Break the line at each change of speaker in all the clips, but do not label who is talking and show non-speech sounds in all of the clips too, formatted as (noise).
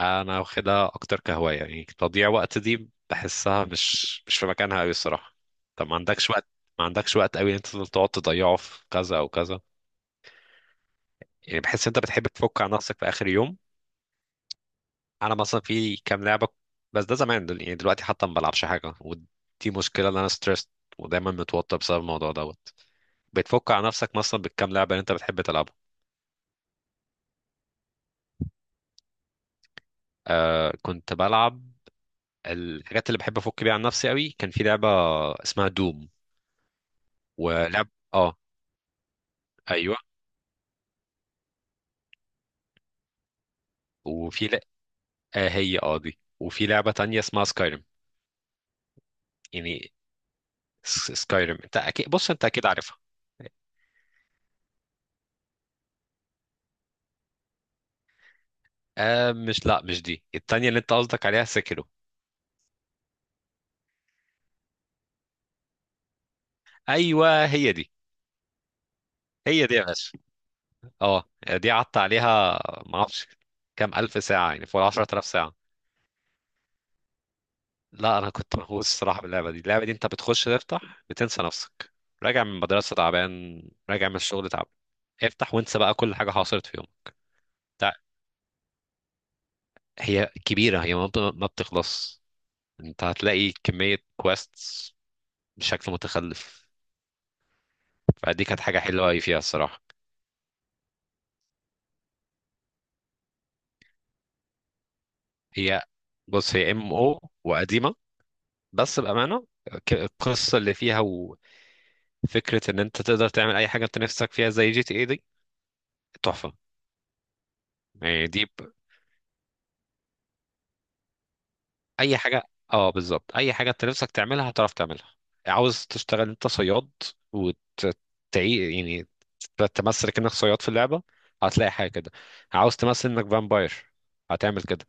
انا واخدها اكتر كهوايه. يعني تضييع وقت دي بحسها مش في مكانها قوي الصراحه. طب ما عندكش وقت قوي إن انت تفضل تقعد تضيعه في كذا او كذا. يعني بحس انت بتحب تفك عن نفسك في اخر يوم. انا مثلا في كام لعبه، بس ده زمان. يعني دلوقتي حتى ما بلعبش حاجه، ودي مشكله ان انا ستريسد ودايما متوتر بسبب الموضوع دوت. بتفك عن نفسك مثلا بالكام لعبه اللي انت بتحب تلعبها. آه كنت بلعب. الحاجات اللي بحب افك بيها عن نفسي قوي كان في لعبه اسمها دوم. ولعب. اه. أيوه. وفي ل... آه هي اه دي. وفي لعبة تانية اسمها سكايرم. يعني سكايرم انت اكيد، بص انت اكيد عارفها. آه مش، لا مش دي، التانية اللي انت قصدك عليها سكرو. ايوه هي دي. هي دي يا باشا. اه دي قعدت عليها ما اعرفش كام الف ساعة، يعني فوق 10000 ساعة. لا انا كنت مهووس الصراحة باللعبة دي. اللعبة دي انت بتخش تفتح بتنسى نفسك. راجع من المدرسة تعبان، راجع من الشغل تعبان، افتح وانسى بقى كل حاجة حصلت في يومك. تع- هي كبيرة، هي ما بتخلص. انت هتلاقي كمية كويستس بشكل متخلف. فدي كانت حاجة حلوة أوي فيها الصراحة. هي بص، هي ام او وقديمة، بس بأمانة، القصة اللي فيها وفكرة ان انت تقدر تعمل اي حاجة انت نفسك فيها زي جي تي اي دي تحفة. يعني دي ب... اي حاجة. اه بالظبط، اي حاجة انت نفسك تعملها هتعرف تعملها. عاوز تشتغل انت صياد وتعي، يعني تمثل انك صياد في اللعبة، هتلاقي حاجة كده. عاوز تمثل انك فامباير هتعمل كده.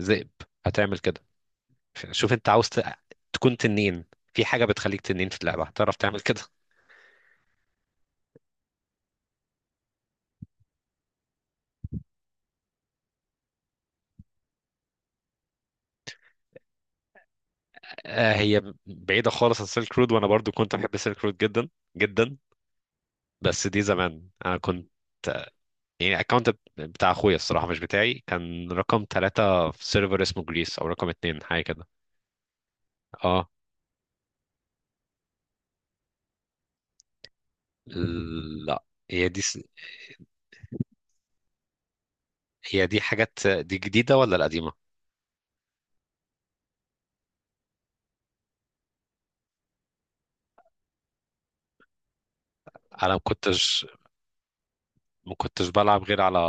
ذئب هتعمل كده. شوف انت تكون تنين، في حاجة بتخليك تنين في اللعبة هتعرف تعمل كده. آه هي بعيدة خالص عن سيلك رود، وانا برضو كنت بحب سيلك رود جدا جدا. بس دي زمان، انا كنت يعني الاكونت بتاع اخويا، الصراحة مش بتاعي، كان رقم ثلاثة في سيرفر اسمه جريس، او رقم اتنين حاجة كده. اه. لا. هي دي س- هي دي حاجات، دي جديدة ولا القديمة؟ انا ما كنتش ما كنتش بلعب غير على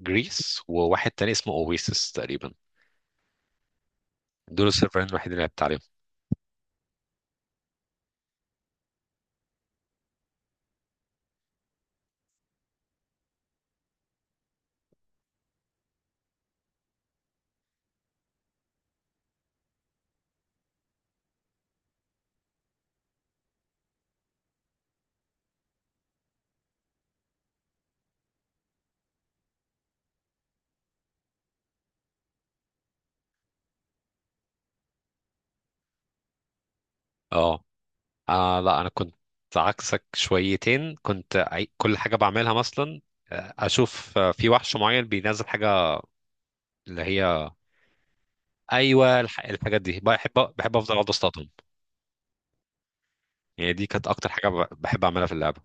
جريس وواحد تاني اسمه اويسس تقريبا. دول السيرفرين الوحيدين اللي لعبت عليهم. اه. آه لا انا كنت عكسك شويتين. كل حاجه بعملها مثلا، اشوف في وحش معين بينزل حاجه اللي هي، ايوه الحاجات دي بحب افضل اقعد اصطادهم. يعني دي كانت اكتر حاجه بحب اعملها في اللعبه.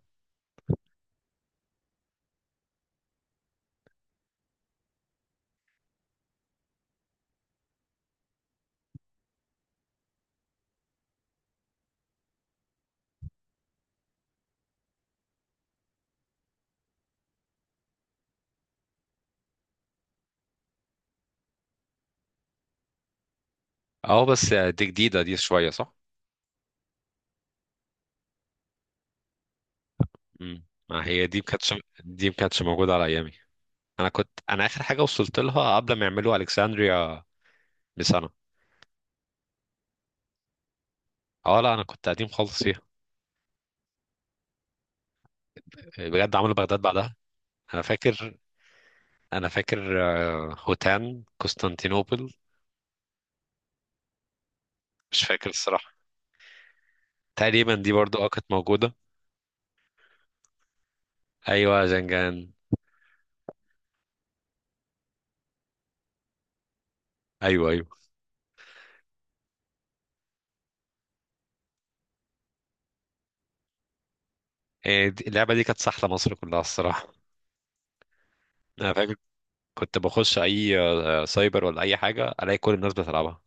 اه بس، دي جديده دي شويه صح؟ امم. ما هي دي ما كانتش دي ما كانتش موجوده على ايامي. انا اخر حاجه وصلت لها قبل ما يعملوا الكسندريا بسنه. اه لا انا كنت قديم خالص فيها. بجد عملوا بغداد بعدها. انا فاكر انا فاكر هوتان قسطنطينوبل. مش فاكر الصراحه، تقريبا دي برضو اه كانت موجوده. ايوه زنجان. ايوه ايوه. اللعبه دي كانت سحله مصر كلها الصراحه. انا فاكر كنت بخش اي سايبر ولا اي حاجه الاقي كل الناس بتلعبها.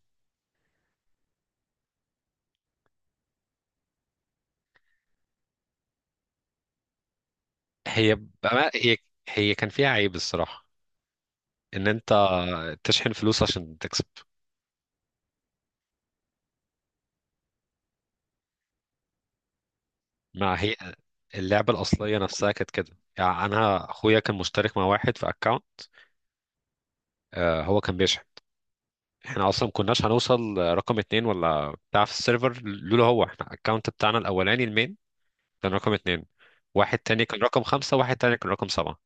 هي، هي كان فيها عيب الصراحه، ان انت تشحن فلوس عشان تكسب. مع هي اللعبه الاصليه نفسها كانت كده. يعني انا اخويا كان مشترك مع واحد في اكونت، هو كان بيشحن. احنا اصلا ما كناش هنوصل رقم اتنين ولا بتاع في السيرفر لولا هو. احنا الاكونت بتاعنا الاولاني المين كان رقم اتنين، واحد تاني كان رقم خمسة، واحد تاني كان رقم سبعة.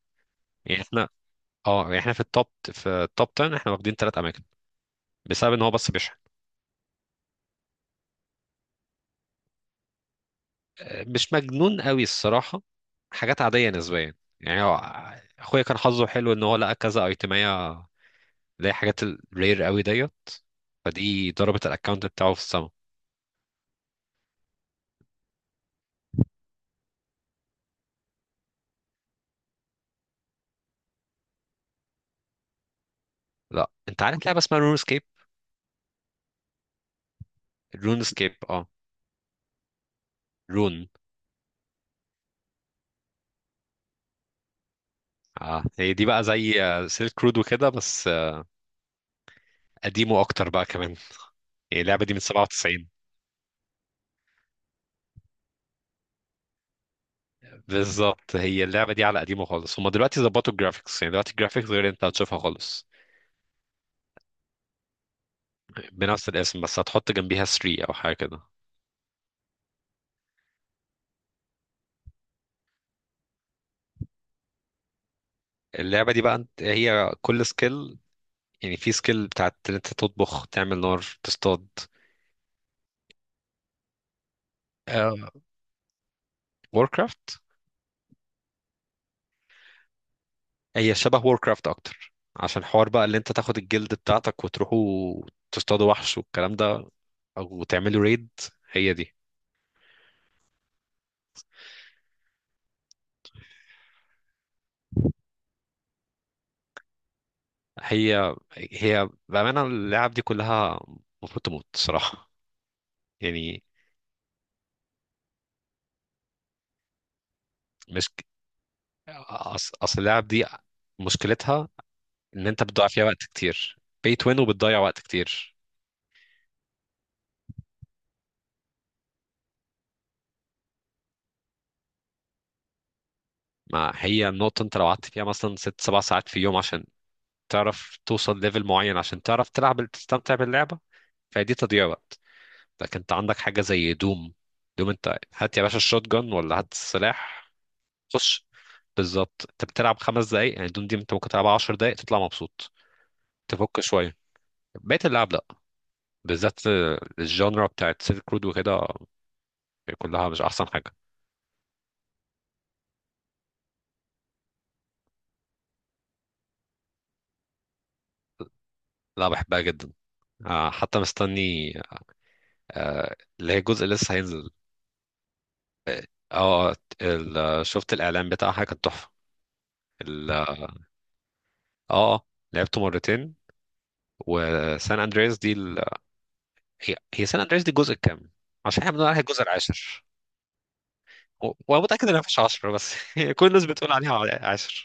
يعني احنا، اه يعني احنا في التوب 10 احنا واخدين ثلاث اماكن، بسبب ان هو بس بيشحن. مش مجنون قوي الصراحة، حاجات عادية نسبيا. يعني هو اخويا كان حظه حلو ان هو لقى كذا ايتمية اللي هي حاجات الرير قوي ديت، فدي ضربت الاكونت بتاعه في السما. لا انت عارف لعبة اسمها رون سكيب؟ رون سكيب اه. رون. اه هي دي بقى زي سيلك رود وكده، بس قديمه اكتر بقى كمان. هي اللعبه دي من 97. بالظبط هي اللعبه دي على قديمه خالص. هما دلوقتي ظبطوا الجرافيكس، يعني دلوقتي الجرافيكس غير اللي انت هتشوفها خالص. بنفس الاسم، بس هتحط جنبيها 3 او حاجه كده. اللعبه دي بقى انت- هي كل سكيل، يعني في سكيل بتاعت ان انت تطبخ، تعمل نار، تصطاد. ووركرافت. هي شبه ووركرافت اكتر، عشان حوار بقى اللي انت تاخد الجلد بتاعتك وتروحوا تصطادوا وحش والكلام ده، او تعملوا ريد. هي دي. هي بأمانة، اللعب دي كلها المفروض تموت صراحة. يعني مش، أصل اللعب دي مشكلتها إن أنت بتضيع فيها وقت كتير. pay to win، وبتضيع وقت كتير. ما هي النقطة، أنت لو قعدت فيها مثلا ست سبع ساعات في يوم عشان تعرف توصل ليفل معين، عشان تعرف تلعب تستمتع باللعبة، فدي تضييع وقت. لكن أنت عندك حاجة زي دوم. دوم أنت هات يا باشا الشوت جان ولا هات السلاح، خش. بالظبط، انت بتلعب خمس دقايق. يعني دون دي انت ممكن تلعبها عشر دقايق تطلع مبسوط، تفك شويه. بقية اللعب لا، بالذات الجانرا بتاعت سيلك رود وكده كلها مش احسن حاجه. لا بحبها جدا. حتى مستني اللي هي جزء لسه هينزل. اه. آه، شفت الاعلان بتاعها كان تحفه. ال- اه آه، لعبته مرتين. وسان اندرياس دي ال... هي سان اندرياس دي الجزء الكام؟ عشان احنا بنقول عليها الجزء العاشر. وانا متاكد انها مفيش 10، بس (laughs) كل الناس بتقول عليها 10.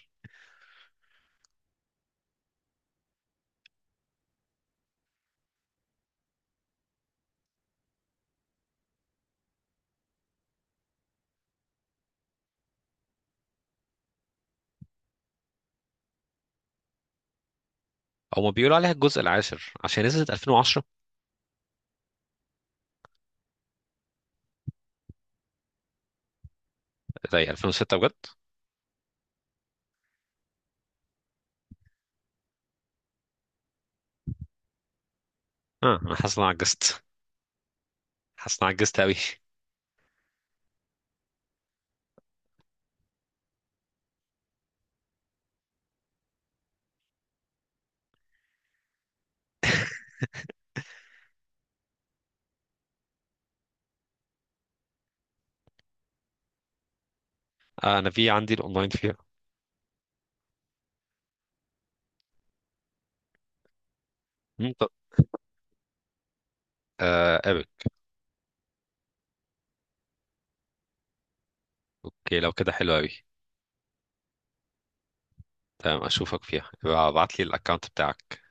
هما بيقولوا عليها الجزء العاشر عشان نزلت 2010. زي 2006 بجد. اه انا حاسس ان انا عجزت، حاسس ان انا عجزت قوي. (laughs) آه انا في عندي الاونلاين فيها. مم، طب. آه قابل. اوكي لو كده حلو قوي. تمام اشوفك فيها، ابعت لي الاكونت بتاعك.